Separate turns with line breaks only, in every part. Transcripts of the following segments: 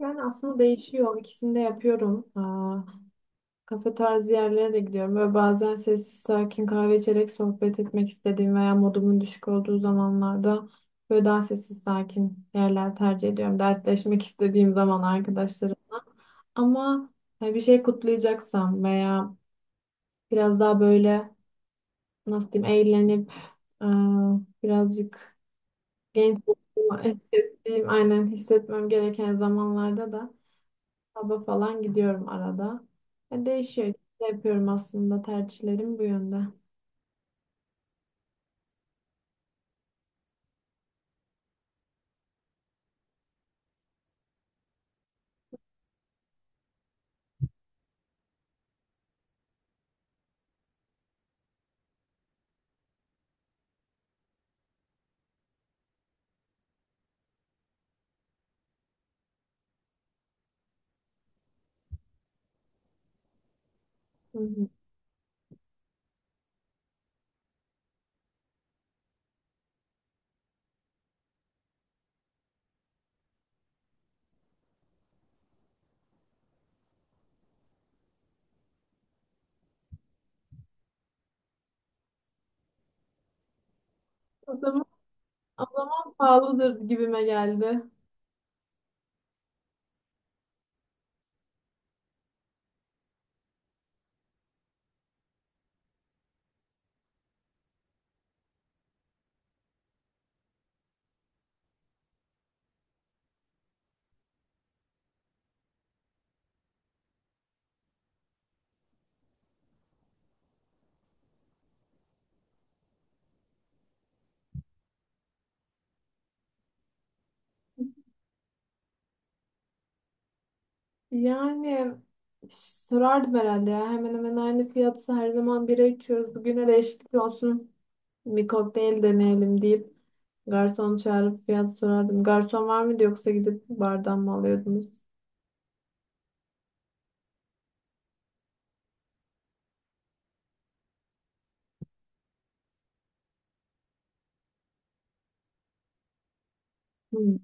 Yani aslında değişiyor. İkisini de yapıyorum. Kafe tarzı yerlere de gidiyorum. Böyle bazen sessiz sakin kahve içerek sohbet etmek istediğim veya modumun düşük olduğu zamanlarda böyle daha sessiz sakin yerler tercih ediyorum. Dertleşmek istediğim zaman arkadaşlarımla. Ama hani bir şey kutlayacaksam veya biraz daha böyle nasıl diyeyim eğlenip aa, birazcık genç olduğumu hissettiğim aynen hissetmem gereken zamanlarda da Pub'a falan gidiyorum arada. Değişiyor. Ne yapıyorum aslında tercihlerim bu yönde. Hı hı. O zaman, o zaman pahalıdır gibime geldi. Yani sorardım herhalde ya. Hemen hemen aynı fiyatsa her zaman bira içiyoruz. Bugüne değişiklik olsun. Bir kokteyl deneyelim deyip garson çağırıp fiyat sorardım. Garson var mıydı yoksa gidip bardan mı alıyordunuz? Hı.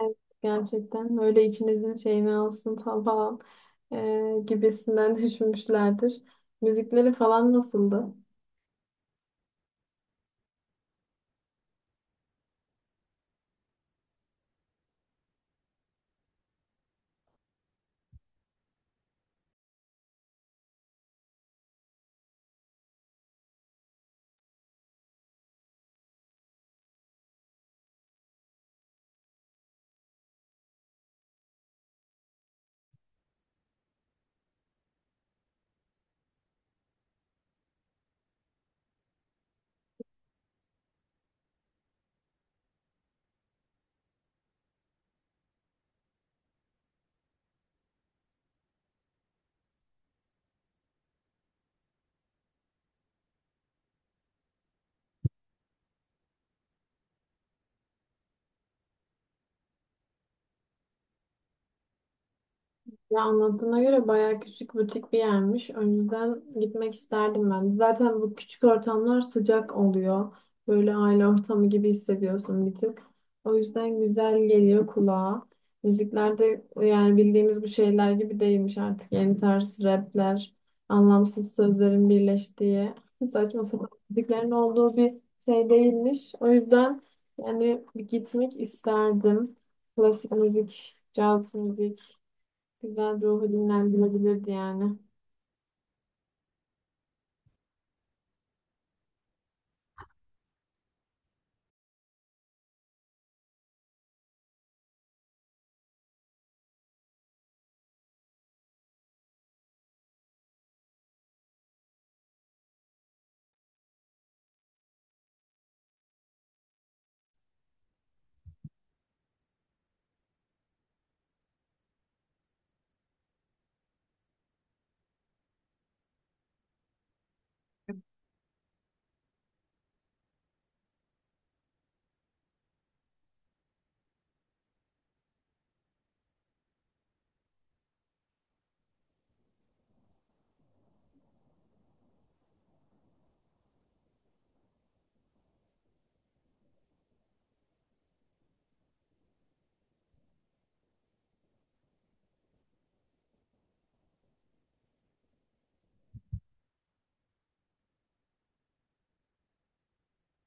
Evet, gerçekten öyle içinizin şeyini alsın falan gibisinden düşünmüşlerdir. Müzikleri falan nasıldı? Ya anlattığına göre bayağı küçük butik bir yermiş. Önceden gitmek isterdim ben. Zaten bu küçük ortamlar sıcak oluyor. Böyle aile ortamı gibi hissediyorsun bir tık. O yüzden güzel geliyor kulağa. Müziklerde yani bildiğimiz bu şeyler gibi değilmiş artık. Yeni tarz rapler, anlamsız sözlerin birleştiği, saçma sapan müziklerin olduğu bir şey değilmiş. O yüzden yani bir gitmek isterdim. Klasik müzik, caz müzik. Güzel ruhu dinlendirilebilirdi yani.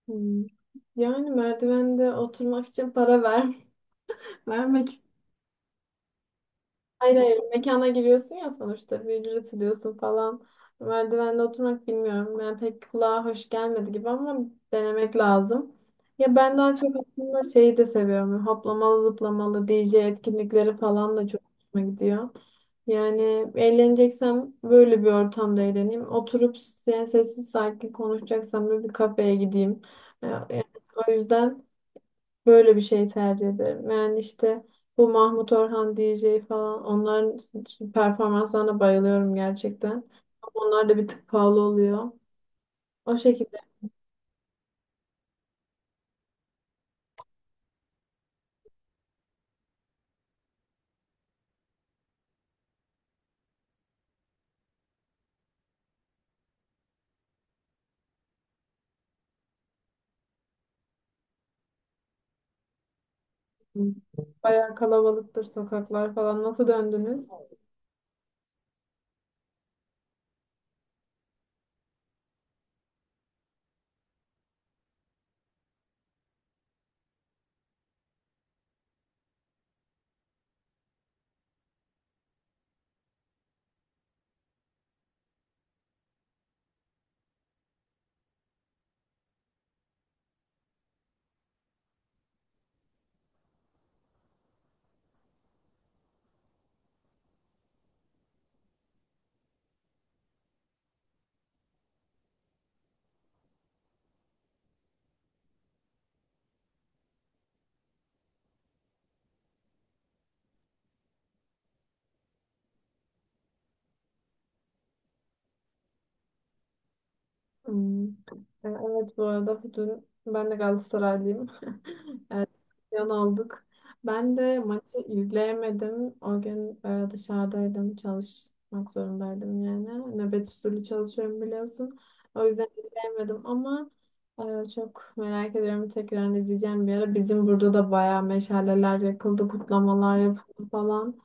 Hmm. Yani merdivende oturmak için para ver vermek. Hayır hayır, mekana giriyorsun ya sonuçta bir ücret ödüyorsun falan. Merdivende oturmak bilmiyorum. Yani pek kulağa hoş gelmedi gibi ama denemek lazım. Ya ben daha çok aslında şeyi de seviyorum. Hoplamalı zıplamalı DJ etkinlikleri falan da çok hoşuma gidiyor. Yani eğleneceksem böyle bir ortamda eğleneyim. Oturup yani sessiz sakin konuşacaksam böyle bir kafeye gideyim. Yani o yüzden böyle bir şey tercih ederim. Yani işte bu Mahmut Orhan DJ falan onların performanslarına bayılıyorum gerçekten. Ama onlar da bir tık pahalı oluyor. O şekilde bayağı kalabalıktır sokaklar falan. Nasıl döndünüz? Hmm. Evet, bu arada dün ben de Galatasaraylıyım. Evet, yan aldık. Ben de maçı izleyemedim. O gün dışarıdaydım. Çalışmak zorundaydım yani. Nöbet usulü çalışıyorum biliyorsun. O yüzden izleyemedim ama çok merak ediyorum. Tekrar izleyeceğim bir ara. Bizim burada da bayağı meşaleler yakıldı, kutlamalar yapıldı falan.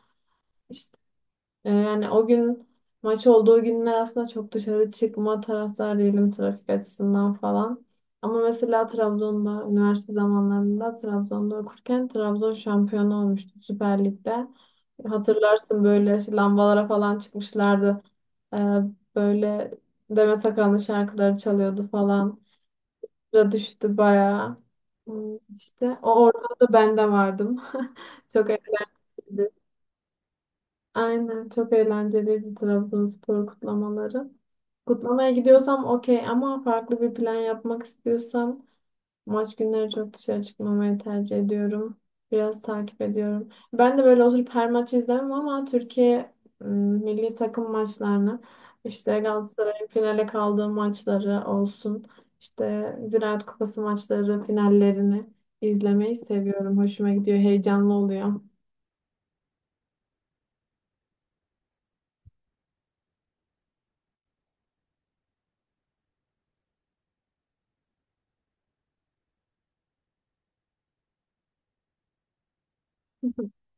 Yani o gün maç olduğu günler aslında çok dışarı çıkma taraftar değilim, trafik açısından falan. Ama mesela Trabzon'da üniversite zamanlarında, Trabzon'da okurken Trabzon şampiyonu olmuştu Süper Lig'de. Hatırlarsın böyle işte lambalara falan çıkmışlardı. E, böyle Demet Akalın şarkıları çalıyordu falan. Sıra düştü bayağı. Hmm, İşte o ortamda ben de vardım. Çok eğlenceliydi. Aynen çok eğlenceliydi Trabzonspor kutlamaları. Kutlamaya gidiyorsam okey ama farklı bir plan yapmak istiyorsam maç günleri çok dışarı çıkmamayı tercih ediyorum. Biraz takip ediyorum. Ben de böyle oturup her maçı izlemem ama Türkiye ım, milli takım maçlarını, işte Galatasaray'ın finale kaldığı maçları olsun, işte Ziraat Kupası maçları finallerini izlemeyi seviyorum. Hoşuma gidiyor, heyecanlı oluyor.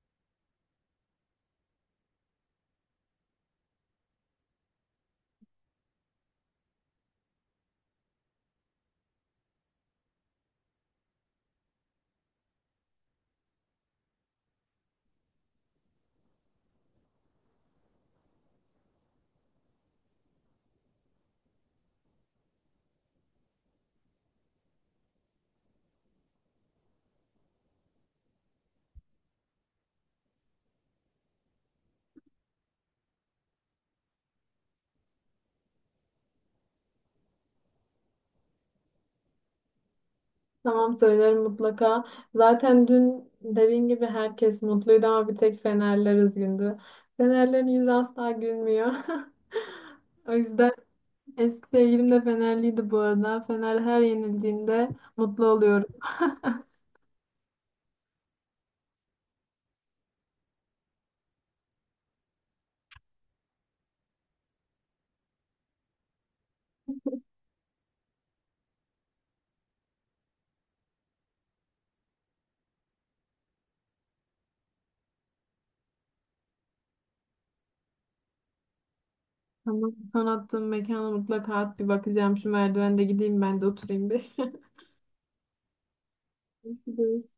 Tamam, söylerim mutlaka. Zaten dün dediğin gibi herkes mutluydu ama bir tek Fenerler üzgündü. Fenerlerin yüzü asla gülmüyor. O yüzden eski sevgilim de Fenerliydi bu arada. Fener her yenildiğinde mutlu oluyorum. Ama son attığım mekana mutlaka at, bir bakacağım. Şu merdivende gideyim ben de oturayım bir. Görüşürüz.